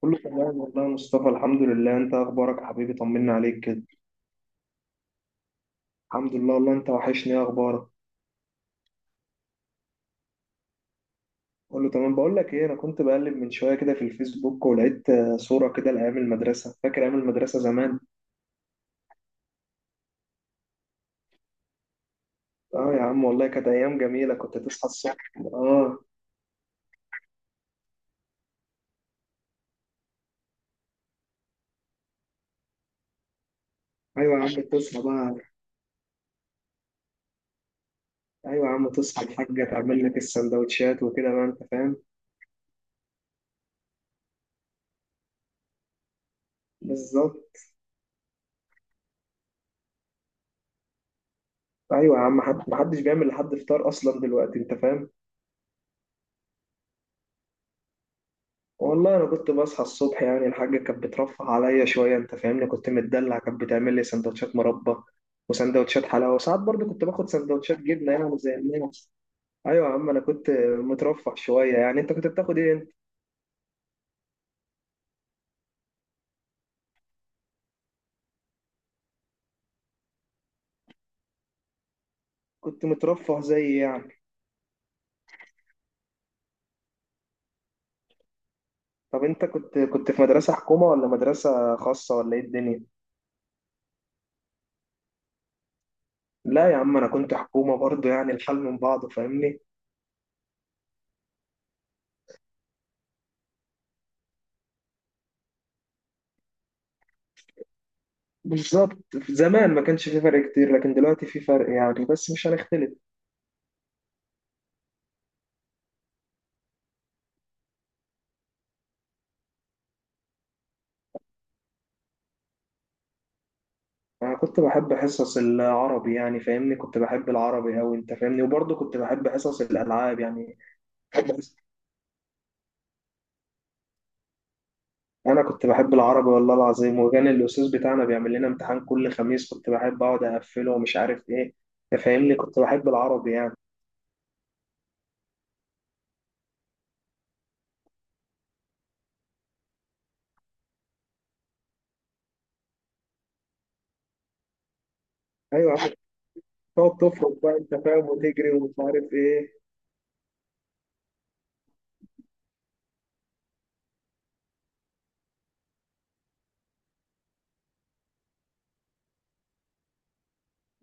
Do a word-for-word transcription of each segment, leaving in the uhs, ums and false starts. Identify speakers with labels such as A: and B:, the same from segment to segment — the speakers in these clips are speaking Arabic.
A: كله تمام والله يا مصطفى، الحمد لله. انت اخبارك يا حبيبي؟ طمنا عليك كده. الحمد لله والله. انت وحشني، ايه اخبارك؟ كله تمام. بقول لك ايه، انا كنت بقلب من شويه كده في الفيسبوك، ولقيت آه، صوره كده لايام المدرسه. فاكر ايام المدرسه زمان؟ اه يا عم والله كانت ايام جميله، كنت تصحى الصبح اه. ايوه يا عم تصحى بقى. ايوه يا عم، تصحى الحاجه تعمل لك السندوتشات وكده بقى، انت فاهم. بالظبط. ايوه يا عم، حد- محدش بيعمل لحد فطار اصلا دلوقتي، انت فاهم. والله انا كنت بصحى الصبح، يعني الحاجه كانت بترفه عليا شويه، انت فاهمني، كنت متدلع، كانت بتعمل لي سندوتشات مربى وسندوتشات حلاوه، وساعات برضو كنت باخد سندوتشات جبنه يعني زي الناس. ايوه يا عم انا كنت مترفه شويه يعني، انت كنت بتاخد ايه انت؟ كنت مترفه زي إيه يعني؟ طب انت كنت كنت في مدرسه حكومه ولا مدرسه خاصه ولا ايه الدنيا؟ لا يا عم انا كنت حكومه برضو، يعني الحال من بعضه، فاهمني. بالظبط. زمان ما كانش في فرق كتير، لكن دلوقتي في فرق يعني، بس مش هنختلف. انا كنت بحب حصص العربي يعني، فاهمني، كنت بحب العربي أوي، انت فاهمني، وبرضه كنت بحب حصص الالعاب يعني. بحب حص- انا كنت بحب العربي والله العظيم، وكان الاستاذ بتاعنا بيعمل لنا امتحان كل خميس، كنت بحب اقعد اقفله ومش عارف ايه. انت فاهمني، كنت بحب العربي يعني. ايوه يا عم، تقعد تفرق بقى انت فاهم، وتجري ومش عارف ايه.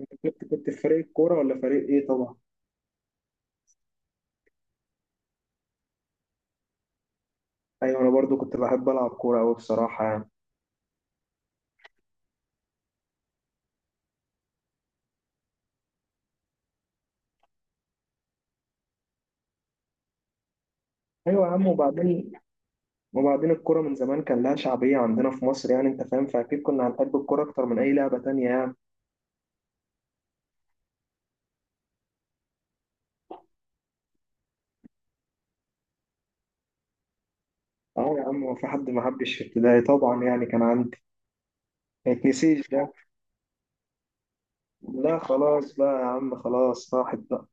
A: انت كنت كنت في فريق كوره ولا فريق ايه طبعا؟ ايوه انا برضه كنت بحب العب كوره أوي بصراحه يعني. ايوه يا عم وبعدين، وبعدين الكرة من زمان كان لها شعبية عندنا في مصر، يعني أنت فاهم، فأكيد كنا هنحب الكرة أكتر من أي لعبة تانية يعني. أه يا عم، هو في حد ما حبش في ابتدائي طبعا، يعني كان عندي. ما يتنسيش ده. لا خلاص بقى يا عم، خلاص راحت بقى.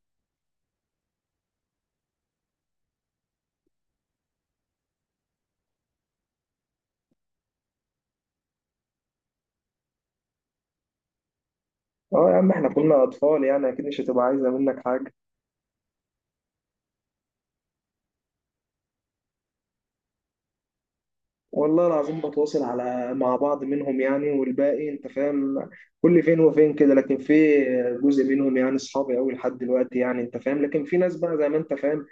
A: أه يا عم، إحنا كنا أطفال يعني، أكيد مش هتبقى عايزة منك حاجة. والله العظيم بتواصل على مع بعض منهم يعني، والباقي أنت فاهم، كل فين وفين كده، لكن في جزء منهم يعني أصحابي أوي لحد دلوقتي يعني، أنت فاهم، لكن في ناس بقى زي ما أنت فاهم،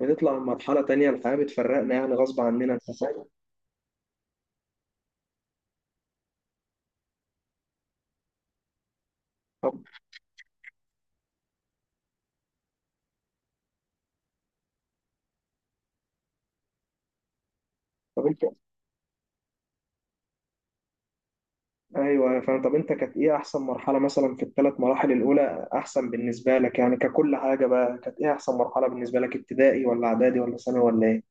A: بنطلع من مرحلة تانية، الحياة بتفرقنا يعني غصب عننا، انت فاهم. طب طب انت ايوه انا فاهم. طب انت، كانت ايه احسن مرحلة مثلا في الثلاث مراحل الاولى احسن بالنسبة لك يعني، ككل حاجة بقى كانت ايه احسن مرحلة بالنسبة لك، ابتدائي ولا اعدادي ولا ثانوي ولا ايه؟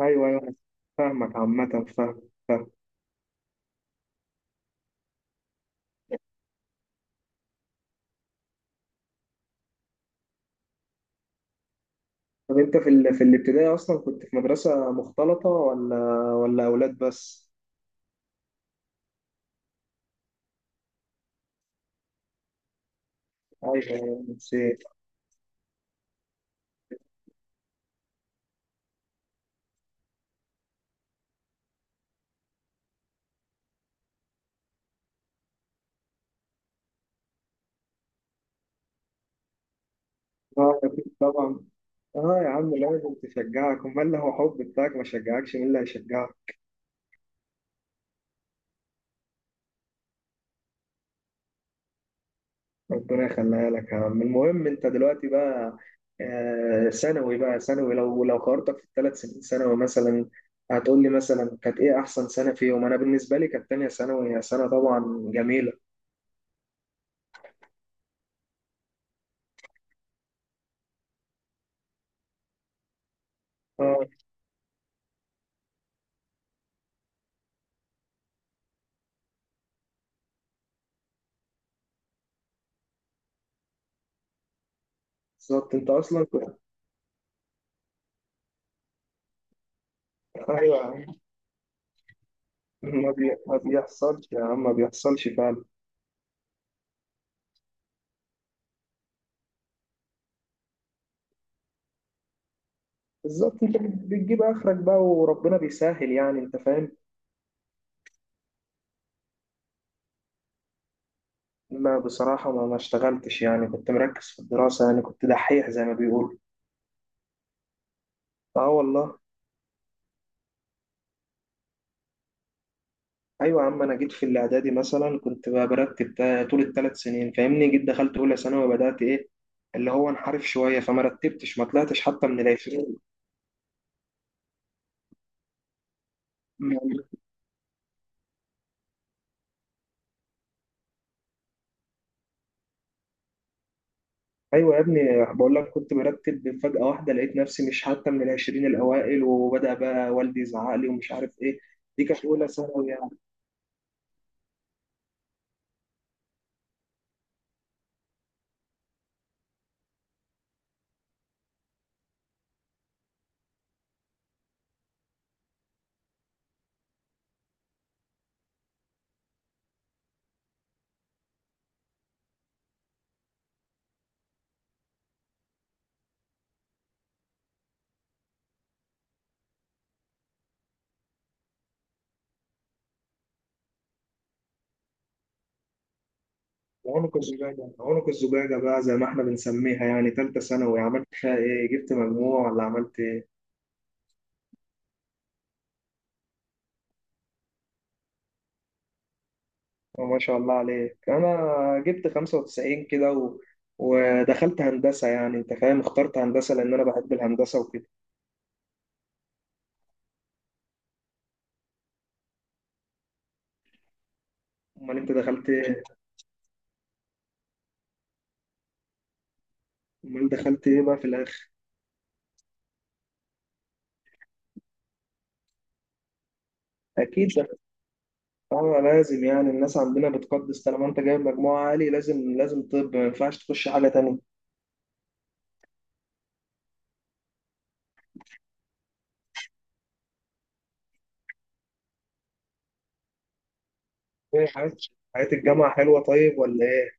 A: ايوه ايوه أنا فاهمك، عامة فاهم فاهم. طب انت في ال... في الابتدائي اصلا كنت في مدرسة مختلطة، ولا ولا اولاد بس؟ ايوه أيوة، نسيت. اه أكيد طبعا. اه يا عم لازم تشجعك، امال لو حب بتاعك ما شجعكش مين اللي هيشجعك. ربنا يخليها لك يا عم. المهم انت دلوقتي بقى آه، ثانوي بقى. ثانوي، لو لو قارنتك في الثلاث سنين ثانوي مثلا، هتقول لي مثلا كانت ايه احسن سنه فيهم؟ انا بالنسبه لي كانت تانية ثانوي، هي سنه طبعا جميله. اه بالظبط. انت اصلا كنت. ايوه يا عم. ما بي- ما بيحصلش يا عم، ما بيحصلش فعلا. بالظبط. انت بتجيب اخرك بقى وربنا بيسهل يعني، انت فاهم. ما بصراحه ما ما اشتغلتش يعني، كنت مركز في الدراسه يعني، كنت دحيح زي ما بيقولوا. اه والله. ايوه يا عم، انا جيت في الاعدادي مثلا كنت بقى برتب تا- طول الثلاث سنين فاهمني، جيت دخلت اولى ثانوي وبدات ايه، اللي هو انحرف شويه، فما رتبتش، ما طلعتش حتى من العشرين. م- ايوه يا ابني، بقول لك كنت برتب، فجاه واحده لقيت نفسي مش حتى من العشرين الاوائل، وبدا بقى والدي يزعق لي ومش عارف ايه. دي كانت اولى ثانوي يعني. عنق الزجاجه عنق الزجاجه بقى زي ما احنا بنسميها يعني. ثالثه ثانوي عملت فيها ايه؟ جبت مجموع ولا عملت؟ ما شاء الله عليك. انا جبت خمسة وتسعين كده و... ودخلت هندسه يعني، انت فاهم، اخترت هندسه لان انا بحب الهندسه وكده. امال انت دخلت ايه؟ امال دخلت ايه بقى في الاخر؟ اكيد دخلت. اه لازم يعني، الناس عندنا بتقدس طالما انت جايب مجموعه عالي، لازم لازم طب ما ينفعش تخش حاجه تانية. ايه حياه، حياه الجامعه حلوه طيب ولا ايه؟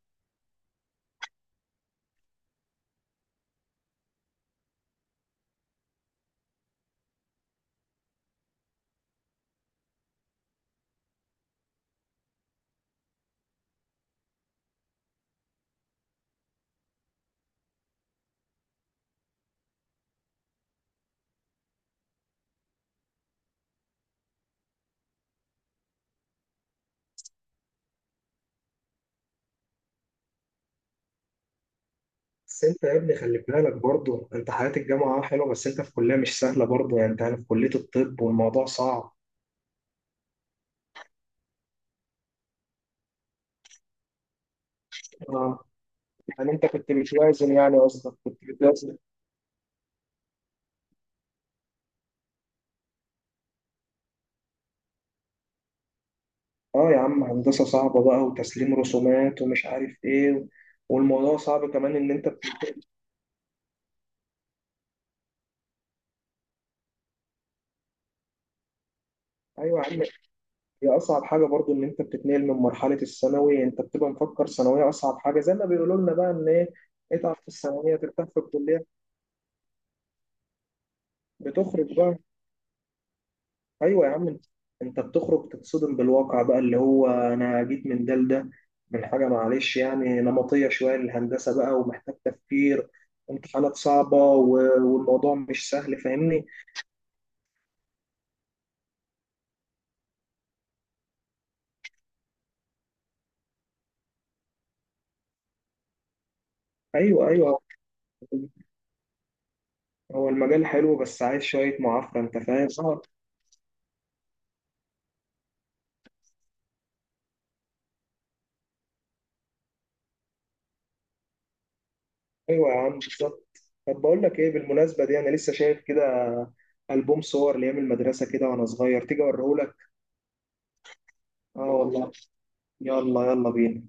A: بس انت يا ابني خلي بالك برضه، انت حياه الجامعه اه حلوه، بس انت في كليه مش سهله برضه يعني، انت في كليه الطب والموضوع صعب. يعني انت كنت بتوازن يعني، قصدك كنت بتوازن. اه يا عم، هندسة صعبة بقى وتسليم رسومات ومش عارف ايه و... والموضوع صعب كمان ان انت بت... ايوه يا عم. هي اصعب حاجة برضو ان انت بتتنقل من مرحلة الثانوي، انت بتبقى مفكر ثانوية اصعب حاجة زي ما بيقولوا لنا بقى، ان ايه، اتعب في الثانوية ترتاح في الكلية. بتخرج بقى. ايوه يا عم انت. أنت بتخرج تتصدم بالواقع بقى، اللي هو انا جيت من ده لده، من حاجه معلش يعني نمطيه شويه للهندسه بقى ومحتاج تفكير، امتحانات صعبه و- والموضوع مش سهل فاهمني. ايوه ايوه هو المجال حلو بس عايز شويه معافره، انت فاهم اه. ايوه يا عم بالظبط. طب بقول لك ايه، بالمناسبه دي انا لسه شايف كده البوم صور لايام المدرسه كده وانا صغير، تيجي اوريهولك؟ اه والله. يلا يلا بينا.